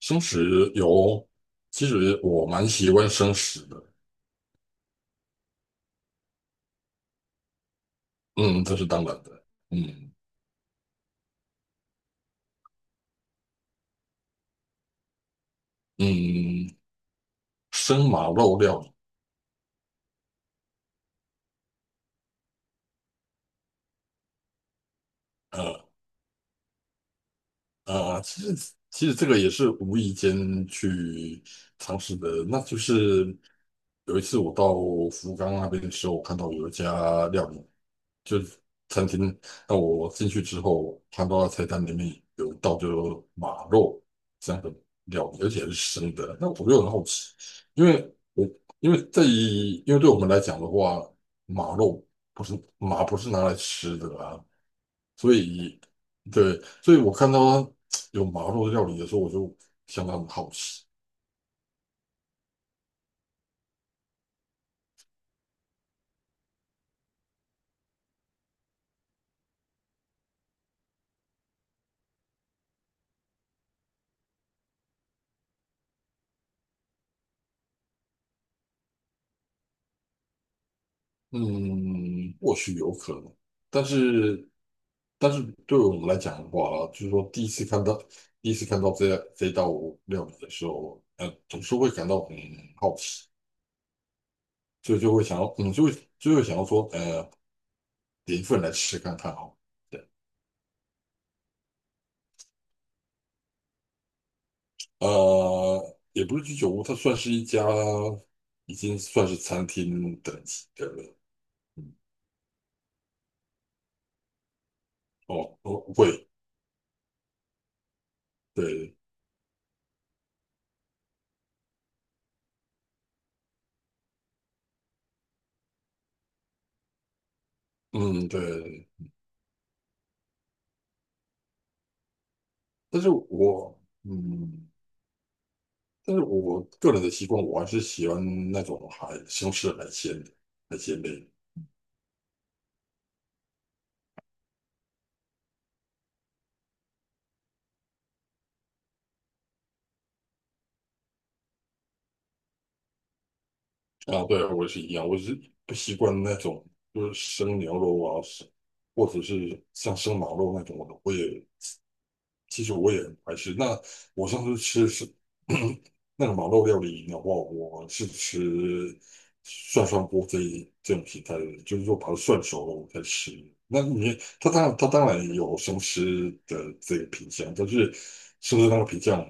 生食有，其实我蛮喜欢生食的。嗯，这是当然的。嗯嗯，生马肉料理。呃。啊，其实这个也是无意间去尝试的。那就是有一次我到福冈那边的时候，我看到有一家料理，就是餐厅。那我进去之后，看到菜单里面有一道就是马肉这样的料理，而且是生的。那我就很好奇，因为我因为对我们来讲的话，马肉不是拿来吃的啊。所以，对，所以我看到有麻肉料理的时候，我就相当的好奇。嗯，或许有可能，但是但是对我们来讲的话，就是说第一次看到这道料理的时候，总是会感到很好奇，所以就会想要，就会想要说，点一份来吃看看哦。对。也不是居酒屋，它算是一家已经算是餐厅等级的了。哦，哦，会，对，嗯，对。但是我嗯，但是我个人的习惯，我还是喜欢那种海西红柿海鲜的海鲜类啊。对，我也是一样，我是不习惯那种就是生牛肉啊，或者是像生马肉那种，我也其实我也很排斥。那我上次吃是 那个马肉料理的话，我是吃涮涮锅这种形态的，就是说把它涮熟了我才吃。那你它当然有生吃的这个品相，但是生吃那个品相，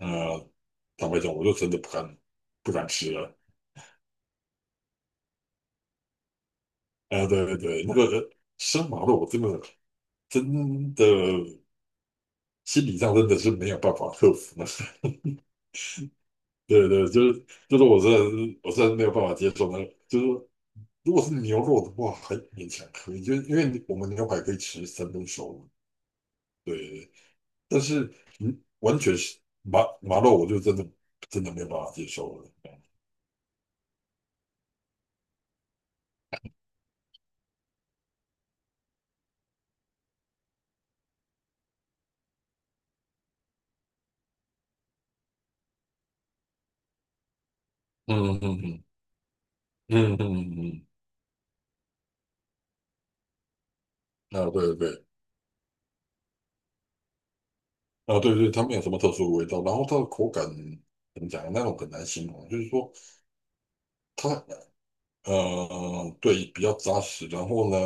呃，坦白讲，我就真的不敢吃了。啊，对对对，那个生马肉我真的心理上真的是没有办法克服呢。对对，就是，我真的没有办法接受那个。就是说如果是牛肉的话，还勉强可以，就是因为我们牛排可以吃三不熟。对，对，但是完全是麻肉，我就真的没有办法接受了。嗯嗯嗯嗯嗯嗯嗯，啊对对啊对对，它没有什么特殊的味道，然后它的口感怎么讲，那种很难形容，就是说它，对，比较扎实。然后呢，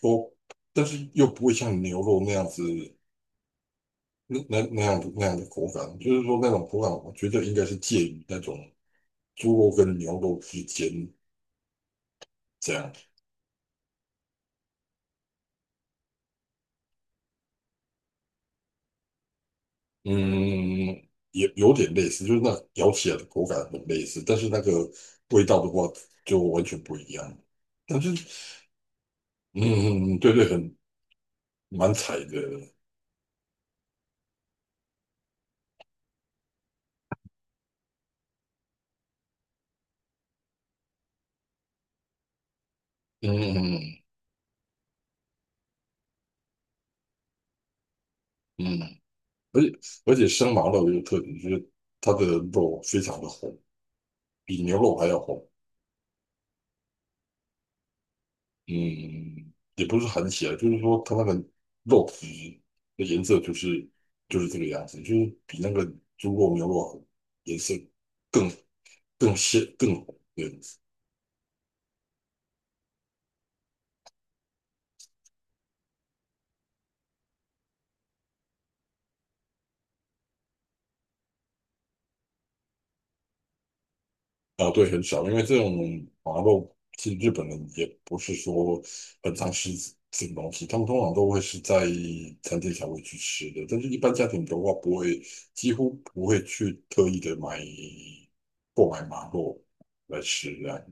说但是又不会像牛肉那样子。那样的口感，就是说那种口感，我觉得应该是介于那种猪肉跟牛肉之间这样。嗯，也有点类似，就是那咬起来的口感很类似，但是那个味道的话就完全不一样。但是，嗯，对对，蛮柴的。嗯嗯嗯，而且而且生麻肉有个特点，就是它的肉非常的红，比牛肉还要红。嗯，也不是很起来，就是说它那个肉质的颜色就是这个样子，就是比那个猪肉、牛肉颜色更更鲜更红这样子。啊，对，很少，因为这种麻肉，其实日本人也不是说很常吃这种东西，他们通常都会是在餐厅才会去吃的，但是一般家庭的话，不会，几乎不会去特意的购买麻肉来吃这样。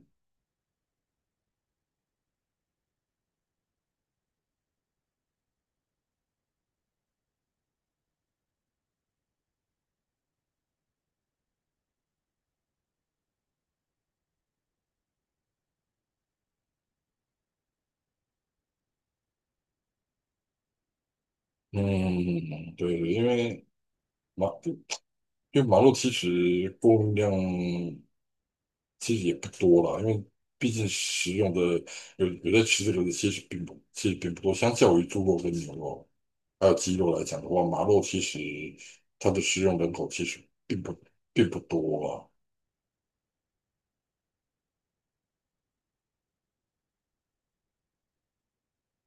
嗯，对，因为马，就马路其实供应量其实也不多了，因为毕竟食用的有在吃这个的其实并不多，相较于猪肉跟牛肉还有鸡肉来讲的话，马肉其实它的食用人口其实并不多啊。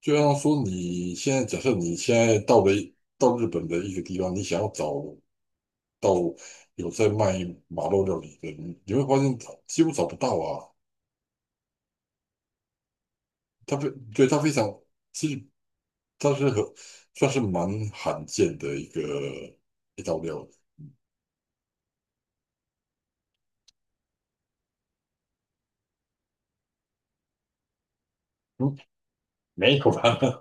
就像说你现在假设你现在到日本的一个地方，你想要找到有在卖马肉料理的，你会发现几乎找不到啊。它非对，它非常，其实它算是蛮罕见的一道料理。没有，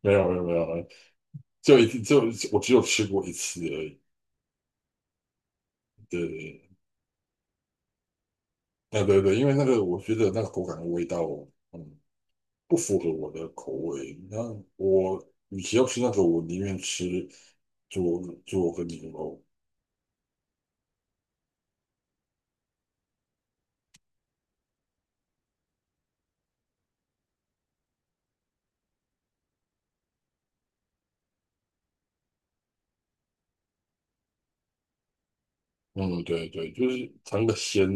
没有，没有，没有，就一次，我只有吃过一次而已。对，对对对对，因为那个我觉得那个口感的味道，嗯，不符合我的口味。那我与其要吃那个，我宁愿吃猪肉跟牛肉。嗯，对对，就是尝个鲜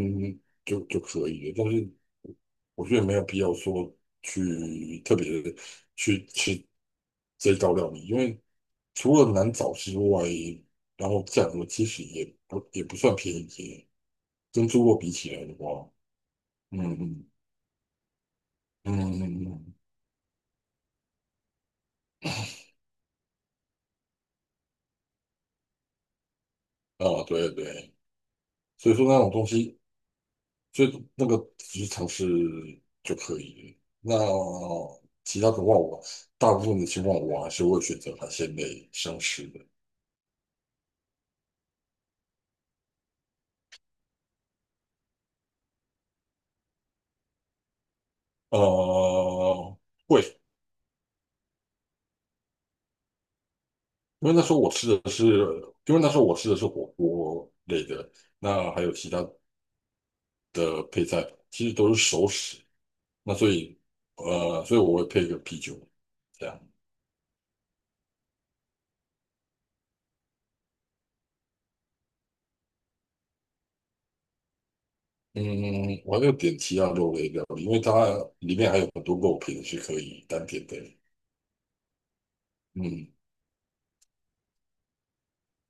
就可以了，但是我觉得没有必要说去特别地去吃这道料理，因为除了难找之外，然后价格其实也不算便宜，跟猪肉比起来的话。嗯嗯嗯嗯嗯，啊，对对，所以说那种东西所以那个只是尝试就可以了。那其他的话我，大部分的情况我还是会选择海鲜类生吃的。呃，会。因为那时候我吃的是，因为那时候我吃的是火锅类的，那还有其他的配菜，其实都是熟食。那所以，呃，所以我会配一个啤酒，这样。嗯，我还有点其他肉类料理，因为它里面还有很多肉品是可以单点的。嗯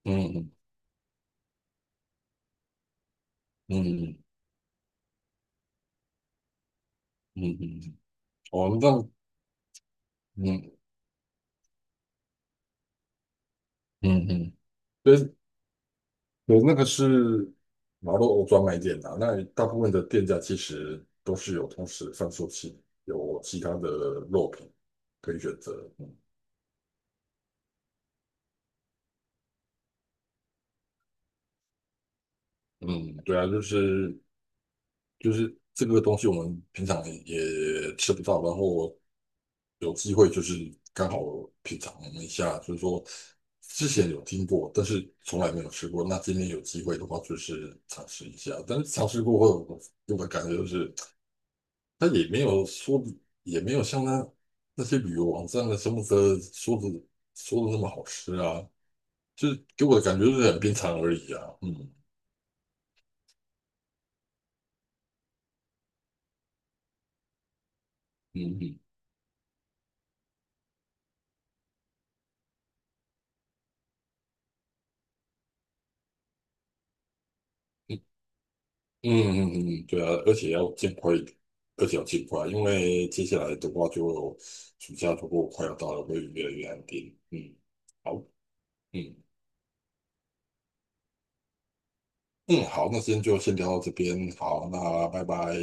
嗯。嗯嗯嗯嗯，嗯，哦，那，嗯嗯嗯，对，所以那个是马路欧专卖店啊，那大部分的店家其实都是有同时贩售有其他的肉品可以选择。嗯，对啊，就是这个东西我们平常也吃不到，然后有机会就是刚好品尝一下，就是说之前有听过，但是从来没有吃过。那今天有机会的话，就是尝试一下。但是尝试过后，给我的感觉就是，它也没有说，也没有像那些旅游网站的什么的说的那么好吃啊，就是给我的感觉就是很平常而已啊。嗯嗯嗯，嗯嗯嗯，嗯，对啊，而且要尽快，因为接下来的话就暑假如果快要到了，会越来越安定。嗯，好。嗯嗯，好。那今天就先聊到这边。好，那拜拜。